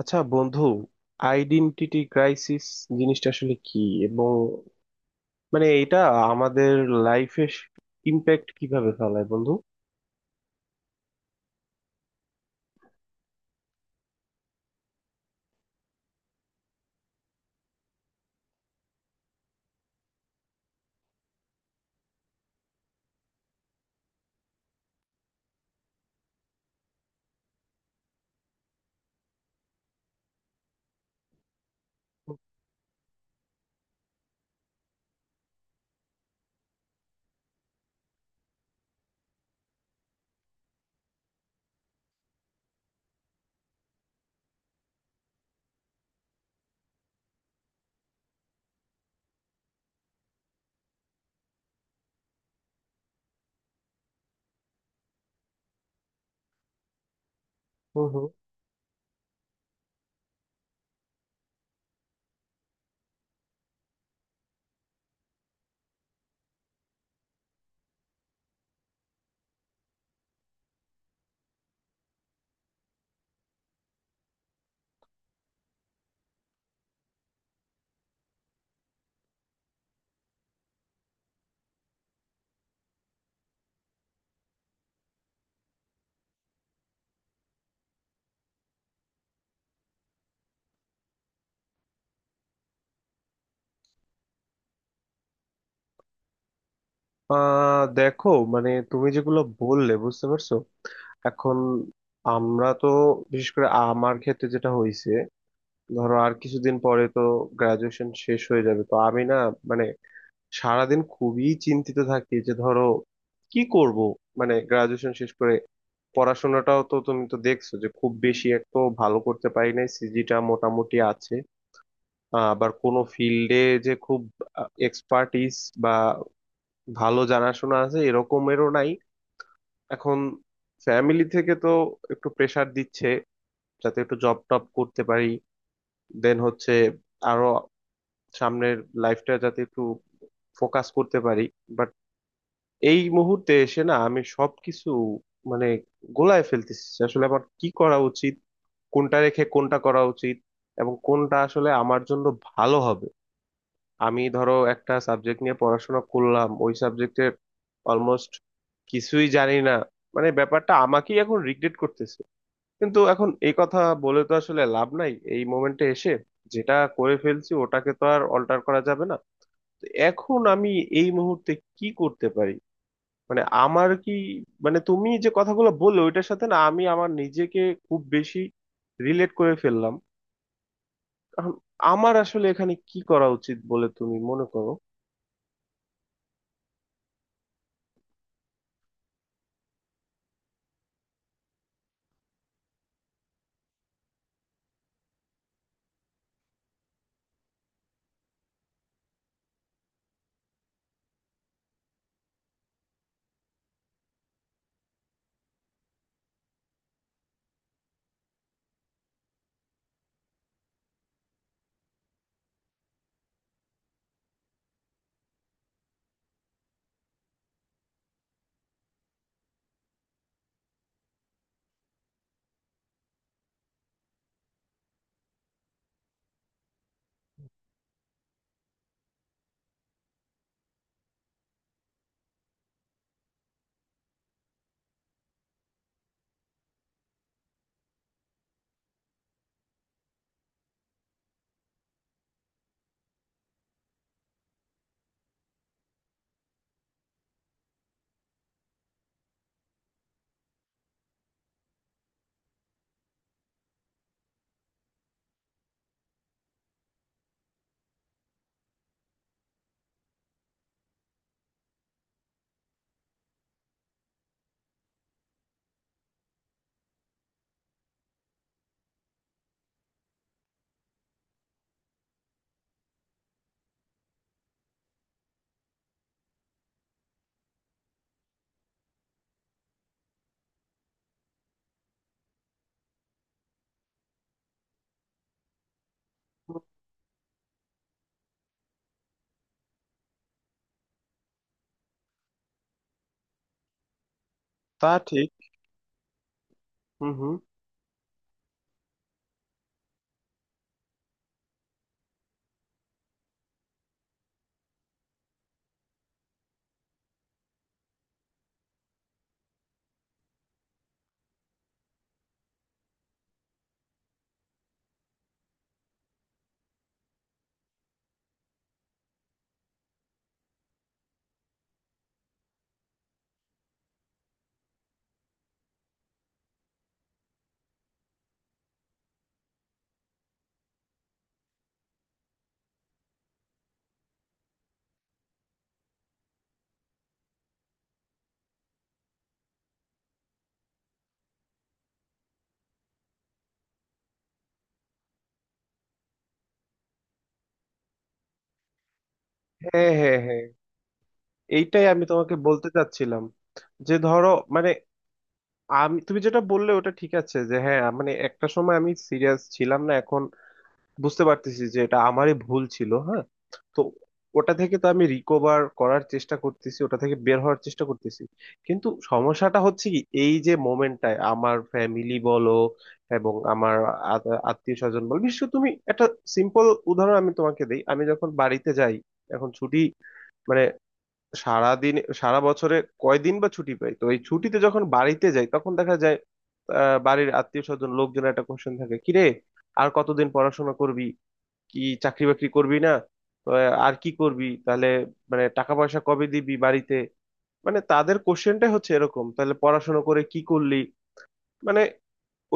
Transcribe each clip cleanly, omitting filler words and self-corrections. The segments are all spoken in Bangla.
আচ্ছা বন্ধু, আইডেন্টিটি ক্রাইসিস জিনিসটা আসলে কি, এবং মানে এটা আমাদের লাইফে ইম্প্যাক্ট কিভাবে ফেলায় বন্ধু? হুম হুম। দেখো, মানে তুমি যেগুলো বললে বুঝতে পারছো এখন আমরা তো, বিশেষ করে আমার ক্ষেত্রে যেটা হয়েছে, ধরো আর কিছুদিন পরে তো গ্রাজুয়েশন শেষ হয়ে যাবে। তো আমি না, মানে সারাদিন খুবই চিন্তিত থাকি যে ধরো কি করব, মানে গ্রাজুয়েশন শেষ করে। পড়াশোনাটাও তো তুমি তো দেখছো যে খুব বেশি এক তো ভালো করতে পারি নাই, সিজিটা মোটামুটি আছে। আবার কোনো ফিল্ডে যে খুব এক্সপার্টিস বা ভালো জানাশোনা আছে এরকমেরও নাই। এখন ফ্যামিলি থেকে তো একটু প্রেসার দিচ্ছে যাতে একটু জব টপ করতে পারি, দেন হচ্ছে আরো সামনের লাইফটা যাতে একটু ফোকাস করতে পারি। এই মুহূর্তে এসে না আমি সবকিছু মানে গোলায় ফেলতেছি, আসলে আমার কি করা উচিত, কোনটা রেখে কোনটা করা উচিত এবং কোনটা আসলে আমার জন্য ভালো হবে। আমি ধরো একটা সাবজেক্ট নিয়ে পড়াশোনা করলাম, ওই সাবজেক্টের অলমোস্ট কিছুই জানি না, মানে ব্যাপারটা আমাকেই এখন রিগ্রেট করতেছে। কিন্তু এখন এই কথা বলে তো আসলে লাভ নাই এই মোমেন্টে এসে, যেটা করে ফেলছি ওটাকে তো আর অল্টার করা যাবে না। তো এখন আমি এই মুহূর্তে কি করতে পারি, মানে আমার কি, মানে তুমি যে কথাগুলো বললে ওইটার সাথে না আমি আমার নিজেকে খুব বেশি রিলেট করে ফেললাম। কারণ আমার আসলে এখানে কি করা উচিত বলে তুমি মনে করো? তা ঠিক। হুম হুম। হ্যাঁ হ্যাঁ হ্যাঁ, এইটাই আমি তোমাকে বলতে চাচ্ছিলাম। যে ধরো, মানে আমি, তুমি যেটা বললে ওটা ঠিক আছে যে হ্যাঁ, মানে একটা সময় আমি সিরিয়াস ছিলাম না, এখন বুঝতে পারতেছি যে এটা আমারই ভুল ছিল। হ্যাঁ, তো ওটা থেকে তো আমি রিকভার করার চেষ্টা করতেছি, ওটা থেকে বের হওয়ার চেষ্টা করতেছি। কিন্তু সমস্যাটা হচ্ছে কি, এই যে মোমেন্টটায় আমার ফ্যামিলি বলো এবং আমার আত্মীয় স্বজন বলো, বিশেষ করে তুমি একটা সিম্পল উদাহরণ আমি তোমাকে দিই। আমি যখন বাড়িতে যাই, এখন ছুটি মানে সারা দিন সারা বছরে কয়দিন বা ছুটি পাই, তো এই ছুটিতে যখন বাড়িতে যাই তখন দেখা যায় বাড়ির আত্মীয় স্বজন লোকজনের একটা কোশ্চেন থাকে, কিরে, আর কতদিন পড়াশোনা করবি, কি চাকরি বাকরি করবি না, তো আর কি করবি তাহলে, মানে টাকা পয়সা কবে দিবি বাড়িতে। মানে তাদের কোশ্চেনটাই হচ্ছে এরকম, তাহলে পড়াশোনা করে কি করলি, মানে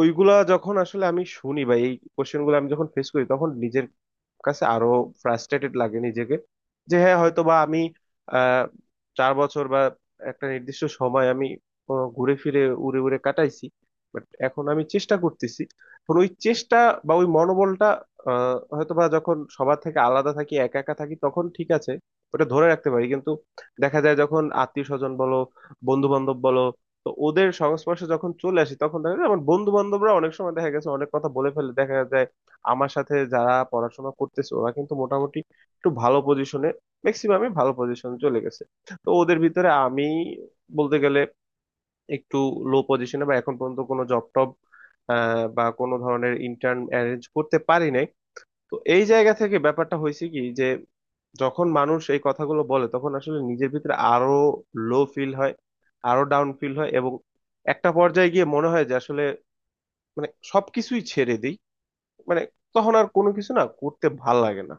ওইগুলা যখন আসলে আমি শুনি বা এই কোশ্চেন গুলো আমি যখন ফেস করি তখন নিজের কাছে আরো ফ্রাস্ট্রেটেড লাগে নিজেকে, যে হ্যাঁ হয়তো বা আমি আহ চার বছর বা একটা নির্দিষ্ট সময় আমি ঘুরে ফিরে উড়ে উড়ে কাটাইছি। বাট এখন আমি চেষ্টা করতেছি, এখন ওই চেষ্টা বা ওই মনোবলটা, হয়তো বা যখন সবার থেকে আলাদা থাকি, একা একা থাকি তখন ঠিক আছে, ওটা ধরে রাখতে পারি। কিন্তু দেখা যায় যখন আত্মীয় স্বজন বলো, বন্ধু বান্ধব বলো, তো ওদের সংস্পর্শে যখন চলে আসি তখন দেখা যায় আমার বন্ধু বান্ধবরা অনেক সময় দেখা গেছে অনেক কথা বলে ফেলে। দেখা যায় আমার সাথে যারা পড়াশোনা করতেছে ওরা কিন্তু মোটামুটি একটু ভালো পজিশনে, ম্যাক্সিমামই ভালো পজিশনে চলে গেছে। তো ওদের ভিতরে আমি বলতে গেলে একটু লো পজিশনে, বা এখন পর্যন্ত কোনো জব টব বা কোনো ধরনের ইন্টার্ন অ্যারেঞ্জ করতে পারি নাই। তো এই জায়গা থেকে ব্যাপারটা হয়েছে কি, যে যখন মানুষ এই কথাগুলো বলে তখন আসলে নিজের ভিতরে আরো লো ফিল হয়, আরো ডাউন ফিল হয়, এবং একটা পর্যায়ে গিয়ে মনে হয় যে আসলে মানে সবকিছুই ছেড়ে দিই, মানে তখন আর কোনো কিছু না করতে ভাল লাগে না।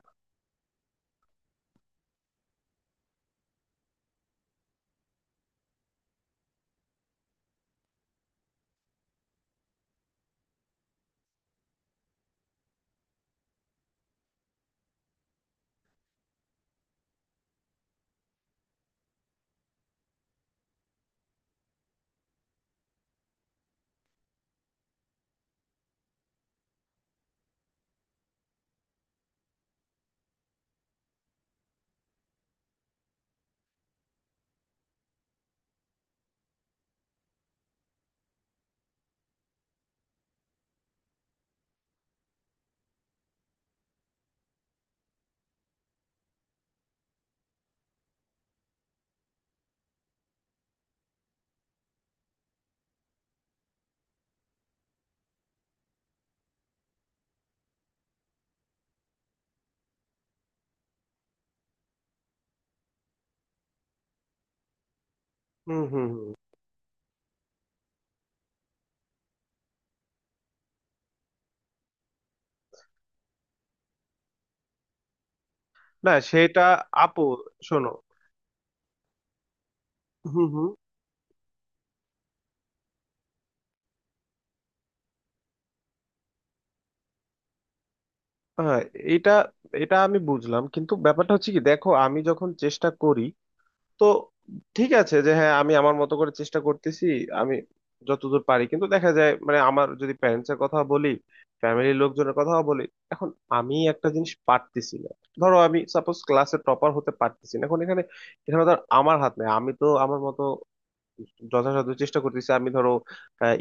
হুম হুম হুম। না সেটা আপু, শোনো। হুম হুম। হ্যাঁ, এটা এটা আমি বুঝলাম, কিন্তু ব্যাপারটা হচ্ছে কি, দেখো আমি যখন চেষ্টা করি, তো ঠিক আছে যে হ্যাঁ আমি আমার মতো করে চেষ্টা করতেছি, আমি যতদূর পারি। কিন্তু দেখা যায় মানে আমার যদি প্যারেন্টস এর কথা বলি, ফ্যামিলির লোকজনের কথাও বলি, এখন আমি একটা জিনিস পারতেছি না। ধরো আমি সাপোজ ক্লাসে টপার হতে পারতেছি না, এখন এখানে এখানে ধর আমার হাত নেই, আমি তো আমার মতো যথাসাধ্য চেষ্টা করতেছি। আমি ধরো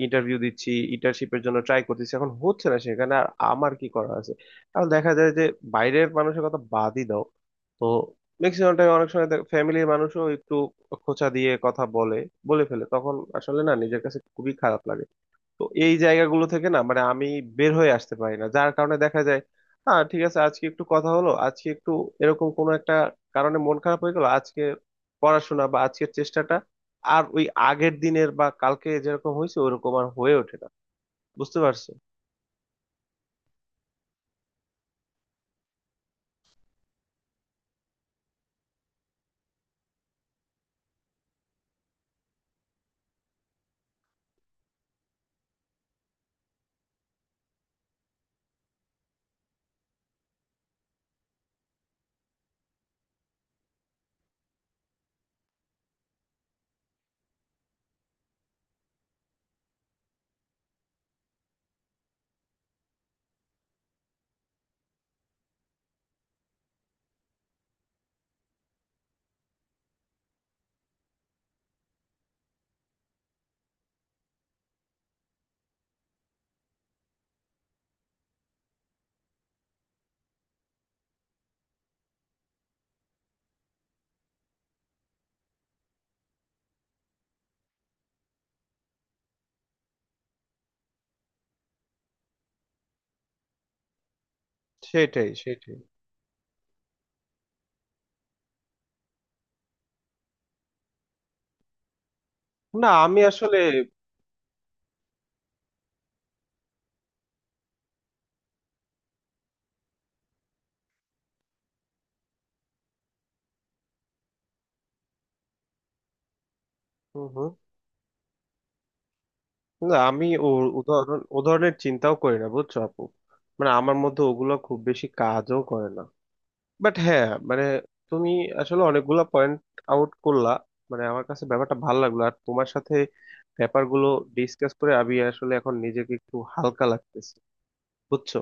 ইন্টারভিউ দিচ্ছি, ইন্টার্নশিপের জন্য ট্রাই করতেছি, এখন হচ্ছে না, সেখানে আর আমার কি করা আছে? এখন দেখা যায় যে বাইরের মানুষের কথা বাদই দাও, তো ম্যাক্সিমাম টাইম অনেক সময় ফ্যামিলির মানুষও একটু খোঁচা দিয়ে কথা বলে বলে ফেলে, তখন আসলে না নিজের কাছে খুবই খারাপ লাগে। তো এই জায়গাগুলো থেকে না মানে আমি বের হয়ে আসতে পারি না, যার কারণে দেখা যায় হ্যাঁ ঠিক আছে আজকে একটু কথা হলো, আজকে একটু এরকম কোনো একটা কারণে মন খারাপ হয়ে গেল, আজকে পড়াশোনা বা আজকের চেষ্টাটা আর ওই আগের দিনের বা কালকে যেরকম হয়েছে ওরকম আর হয়ে ওঠে না। বুঝতে পারছো? সেটাই সেটাই। না আমি আসলে। হুম হুম। না আমি ও উদাহরণ, উদাহরণের চিন্তাও করি না বুঝছো আপু, মানে আমার মধ্যে ওগুলো খুব বেশি কাজও করে না। বাট হ্যাঁ, মানে তুমি আসলে অনেকগুলা পয়েন্ট আউট করলা, মানে আমার কাছে ব্যাপারটা ভালো লাগলো। আর তোমার সাথে ব্যাপারগুলো ডিসকাস করে আমি আসলে এখন নিজেকে একটু হালকা লাগতেছে, বুঝছো?